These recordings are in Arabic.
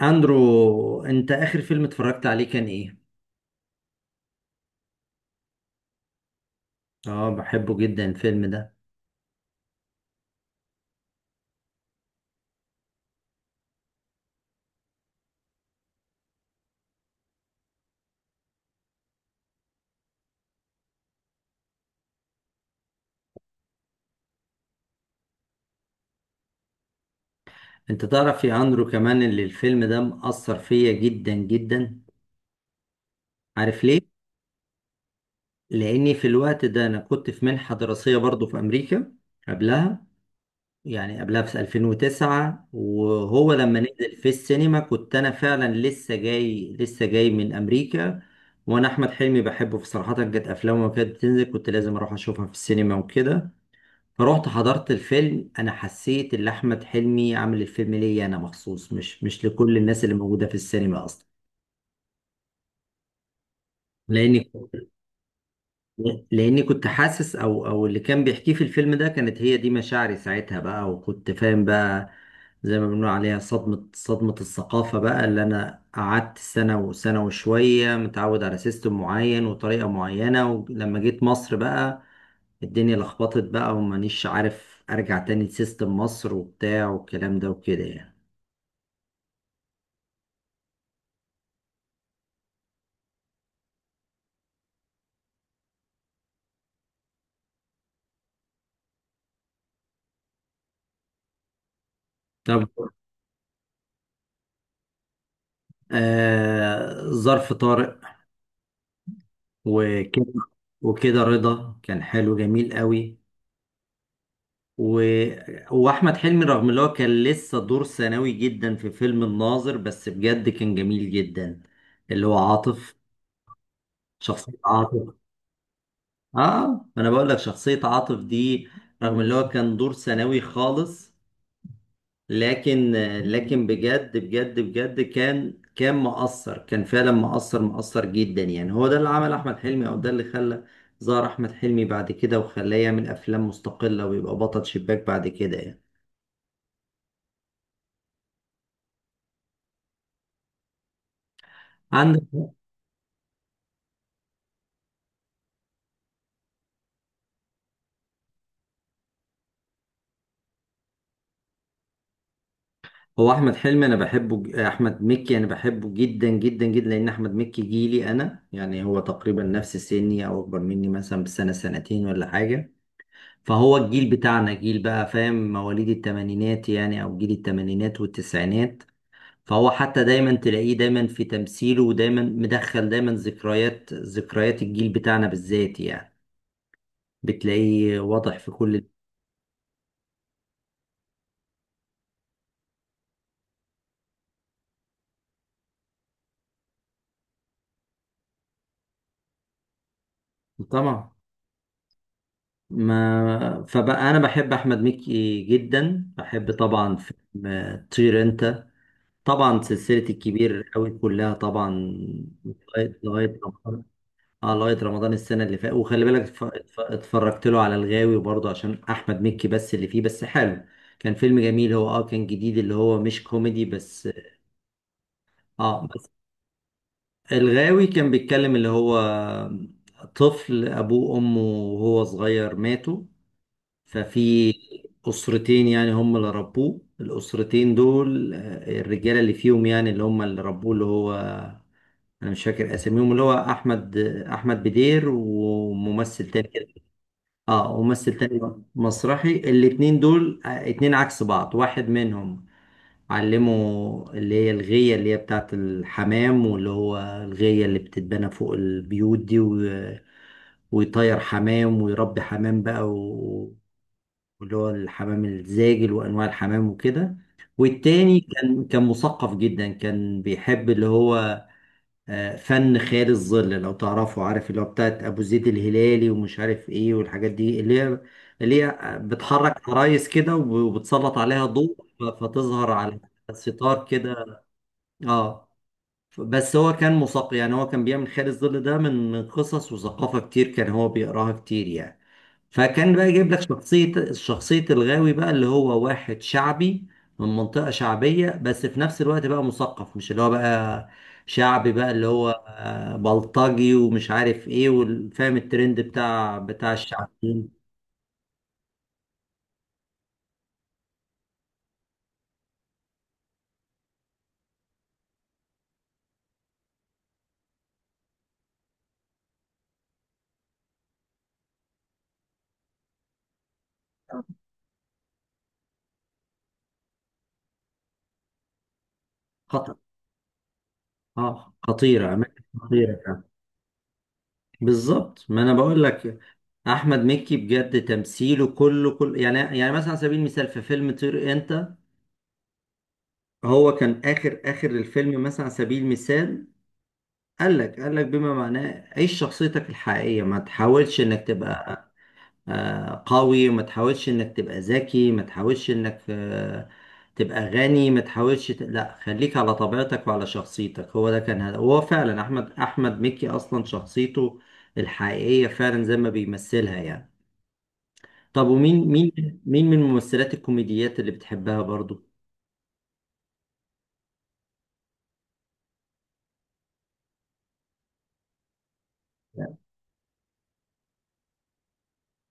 اندرو، انت اخر فيلم اتفرجت عليه كان ايه؟ اه بحبه جدا الفيلم ده. انت تعرف يا اندرو كمان اللي الفيلم ده مأثر فيا جدا جدا، عارف ليه؟ لاني في الوقت ده انا كنت في منحة دراسية برضو في امريكا قبلها، يعني في 2009. وهو لما نزل في السينما كنت انا فعلا لسه جاي من امريكا. وانا احمد حلمي بحبه في صراحة، كانت افلامه كانت بتنزل كنت لازم اروح اشوفها في السينما وكده. رحت حضرت الفيلم، انا حسيت ان احمد حلمي عامل الفيلم ليا انا مخصوص، مش لكل الناس اللي موجوده في السينما اصلا. لان لاني كنت حاسس، او اللي كان بيحكيه في الفيلم ده كانت هي دي مشاعري ساعتها بقى، وكنت فاهم بقى. زي ما بنقول عليها صدمة الثقافة بقى. اللي انا قعدت سنة وسنة وشوية متعود على سيستم معين وطريقة معينة، ولما جيت مصر بقى الدنيا لخبطت بقى، ومانيش عارف ارجع تاني لسيستم مصر وبتاع والكلام ده وكده يعني. طب، ظرف طارق وكده. وكده رضا كان حلو جميل قوي. و- واحمد حلمي رغم ان هو كان لسه دور ثانوي جدا في فيلم الناظر، بس بجد كان جميل جدا، اللي هو عاطف. شخصية عاطف. اه، ما انا بقول لك شخصية عاطف دي، رغم ان هو كان دور ثانوي خالص، لكن بجد بجد بجد كان مؤثر، كان فعلا مؤثر جدا يعني. هو ده اللي عمل احمد حلمي، او ده اللي خلى ظهر احمد حلمي بعد كده، وخلاه يعمل افلام مستقلة ويبقى بطل شباك بعد كده يعني. عندك هو احمد حلمي انا بحبه، احمد مكي انا بحبه جدا جدا جدا، لان احمد مكي جيلي انا يعني، هو تقريبا نفس سني او اكبر مني مثلا بسنه سنتين ولا حاجه. فهو الجيل بتاعنا، جيل بقى فاهم، مواليد الثمانينات يعني، او جيل الثمانينات والتسعينات. فهو حتى دايما تلاقيه دايما في تمثيله ودايما مدخل دايما ذكريات، الجيل بتاعنا بالذات يعني، بتلاقيه واضح في كل... طبعا، ما فبقى انا بحب احمد مكي جدا. بحب طبعا فيلم طير انت. طبعا سلسله الكبير قوي كلها طبعا، لغايه رمضان. اه لغايه رمضان السنه اللي فاتت. وخلي بالك، اتفرجت له على الغاوي برضه عشان احمد مكي بس، اللي فيه بس حلو. كان فيلم جميل، هو اه كان جديد، اللي هو مش كوميدي بس. اه بس الغاوي كان بيتكلم اللي هو طفل ابوه وامه وهو صغير ماتوا، ففي أسرتين يعني هم اللي ربوه، الأسرتين دول الرجالة اللي فيهم يعني، اللي هم اللي ربوه، اللي هو، أنا مش فاكر أساميهم، اللي هو أحمد، بدير وممثل تاني كده. اه، ممثل تاني، مسرحي. الاتنين دول اتنين عكس بعض، واحد منهم علمه اللي هي الغية، اللي هي بتاعت الحمام، واللي هو الغية اللي بتتبنى فوق البيوت دي، ويطير حمام ويربي حمام بقى واللي هو الحمام الزاجل وانواع الحمام وكده. والتاني كان مثقف جدا، كان بيحب اللي هو فن خيال الظل لو تعرفه، عارف اللي هو بتاعت ابو زيد الهلالي ومش عارف ايه، والحاجات دي اللي هي، اللي هي بتحرك عرايس كده، وبتسلط عليها ضوء فتظهر على الستار كده. اه، بس هو كان مثقف يعني، هو كان بيعمل خيال الظل ده من قصص وثقافة كتير كان هو بيقراها كتير يعني. فكان بقى جايب لك شخصية، الغاوي بقى، اللي هو واحد شعبي من منطقة شعبية، بس في نفس الوقت بقى مثقف، مش اللي هو بقى شعبي بقى، اللي هو بلطجي ومش عارف ايه، وفاهم الترند بتاع الشعبيين. خطر. اه، خطيرة، أماكن خطيرة فعلا. بالظبط، ما أنا بقول لك. أحمد مكي بجد تمثيله كله كله يعني، مثلا على سبيل المثال في فيلم طير أنت، هو كان آخر آخر الفيلم مثلا على سبيل المثال، قال لك بما معناه: عيش شخصيتك الحقيقية، ما تحاولش انك تبقى قوي، ما تحاولش انك تبقى ذكي، ما تحاولش انك تبقى غني، ما تحاولش ت... لا، خليك على طبيعتك وعلى شخصيتك. هو ده كان، هذا هو فعلا. احمد مكي اصلا شخصيته الحقيقية فعلا زي ما بيمثلها يعني. طب، ومين مين من الممثلات الكوميديات اللي بتحبها برضو؟ اه.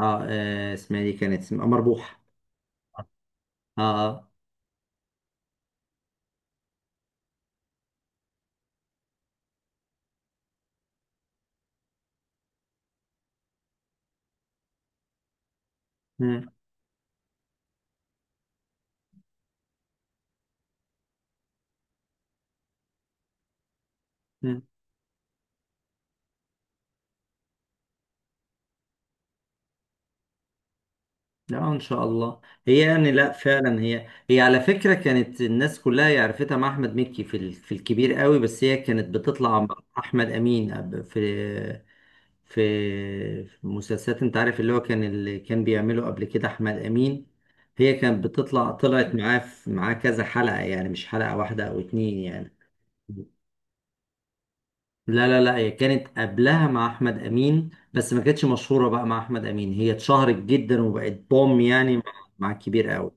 آه، اسمها إيه دي؟ كانت اسمها مربوحة. اه. آه. مم. مم. لا، ان شاء الله. هي يعني، لا فعلا، هي على فكره كانت الناس كلها يعرفتها مع احمد مكي في الكبير قوي، بس هي كانت بتطلع مع احمد امين في في مسلسلات، انت عارف اللي هو كان اللي كان بيعمله قبل كده احمد امين. هي كانت بتطلع، طلعت معاه معاه كذا حلقه يعني، مش حلقه واحده او اتنين يعني. لا لا لا، هي كانت قبلها مع احمد امين، بس ما كانتش مشهوره بقى مع احمد امين. هي اتشهرت جدا وبقت بوم يعني مع، الكبير قوي.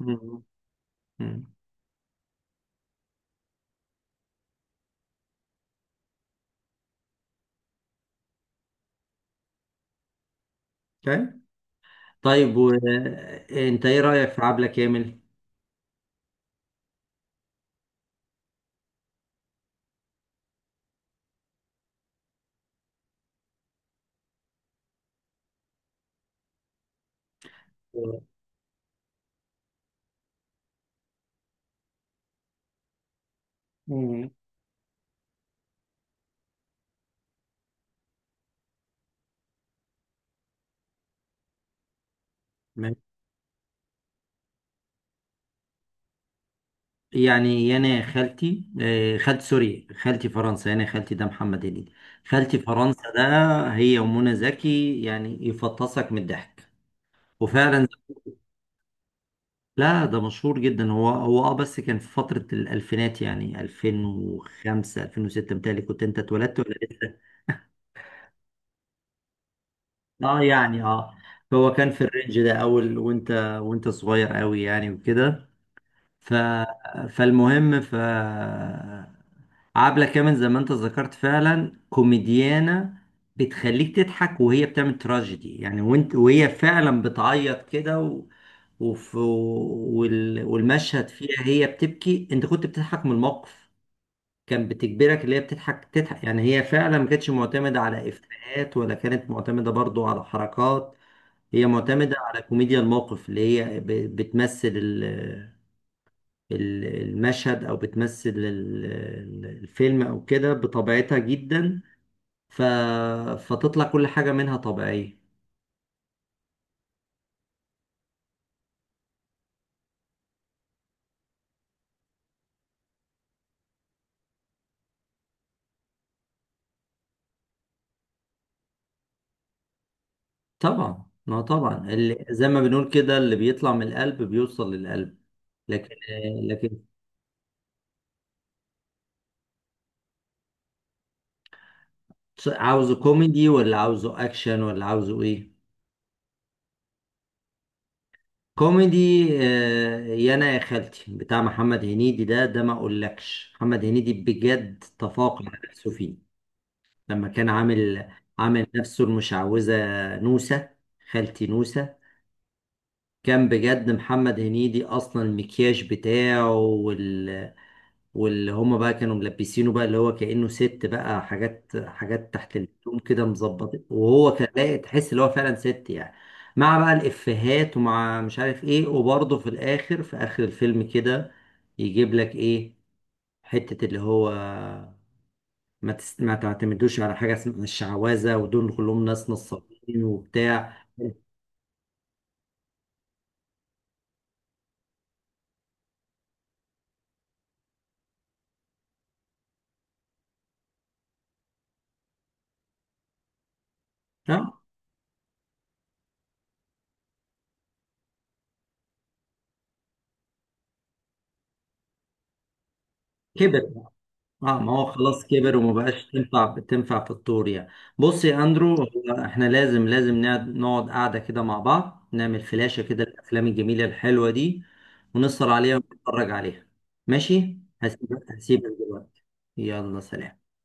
مم. مم. طيب، طيب وانت ايه رأيك في عبلة كامل؟ مم. مم. يعني يانا خالتي، خالتي سوري، خالتي فرنسا. يانا خالتي ده محمد هنيدي، خالتي فرنسا ده. هي ومنى زكي يعني يفطسك من الضحك، وفعلا. لا ده مشهور جدا. هو اه بس كان في فترة الألفينات يعني 2005 2006 متهيألي. كنت انت اتولدت ولا؟ اه يعني اه، هو كان في الرينج ده اول، وانت صغير قوي يعني وكده. ف. فالمهم ف. عبلة كامل زي ما انت ذكرت فعلا كوميديانة بتخليك تضحك، وهي بتعمل تراجيدي يعني، وانت وهي فعلا بتعيط كده و... وف... وال... والمشهد فيها هي بتبكي انت كنت بتضحك من الموقف. كان بتجبرك اللي هي بتضحك تضحك يعني، هي فعلا ما كانتش معتمدة على إفيهات، ولا كانت معتمدة برضو على حركات. هي معتمدة على كوميديا الموقف، اللي هي بتمثل المشهد، أو بتمثل الفيلم، أو كده بطبيعتها جدا. ف... فتطلع كل حاجة منها طبيعية. طبعا، ما طبعا اللي زي ما بنقول كده، اللي بيطلع من القلب بيوصل للقلب. لكن. لكن عاوزه كوميدي ولا عاوزه أكشن ولا عاوزه إيه؟ كوميدي. يا انا يا خالتي بتاع محمد هنيدي ده. ما اقولكش محمد هنيدي بجد تفوق على نفسه فيه، لما كان عامل نفسه المشعوذة نوسة، خالتي نوسة. كان بجد محمد هنيدي اصلا المكياج بتاعه، واللي هما بقى كانوا ملبسينه بقى اللي هو كأنه ست بقى، حاجات تحت الهدوم كده مظبط، وهو كان لاقي، تحس اللي هو فعلا ست يعني، مع بقى الإفيهات ومع مش عارف ايه. وبرضه في الآخر، في آخر الفيلم كده، يجيب لك ايه، حتة اللي هو ما تس... ما تعتمدوش على حاجة اسمها الشعوذة، ودول كلهم ناس نصابين وبتاع. ها كده. اه، ما هو خلاص كبر وما بقاش تنفع، في الطور يعني. بص يا اندرو، هو احنا لازم نقعد، قعده كده مع بعض، نعمل فلاشة كده الافلام الجميله الحلوه دي، ونسهر عليها ونتفرج عليها. ماشي، هسيبك دلوقتي. يلا سلام.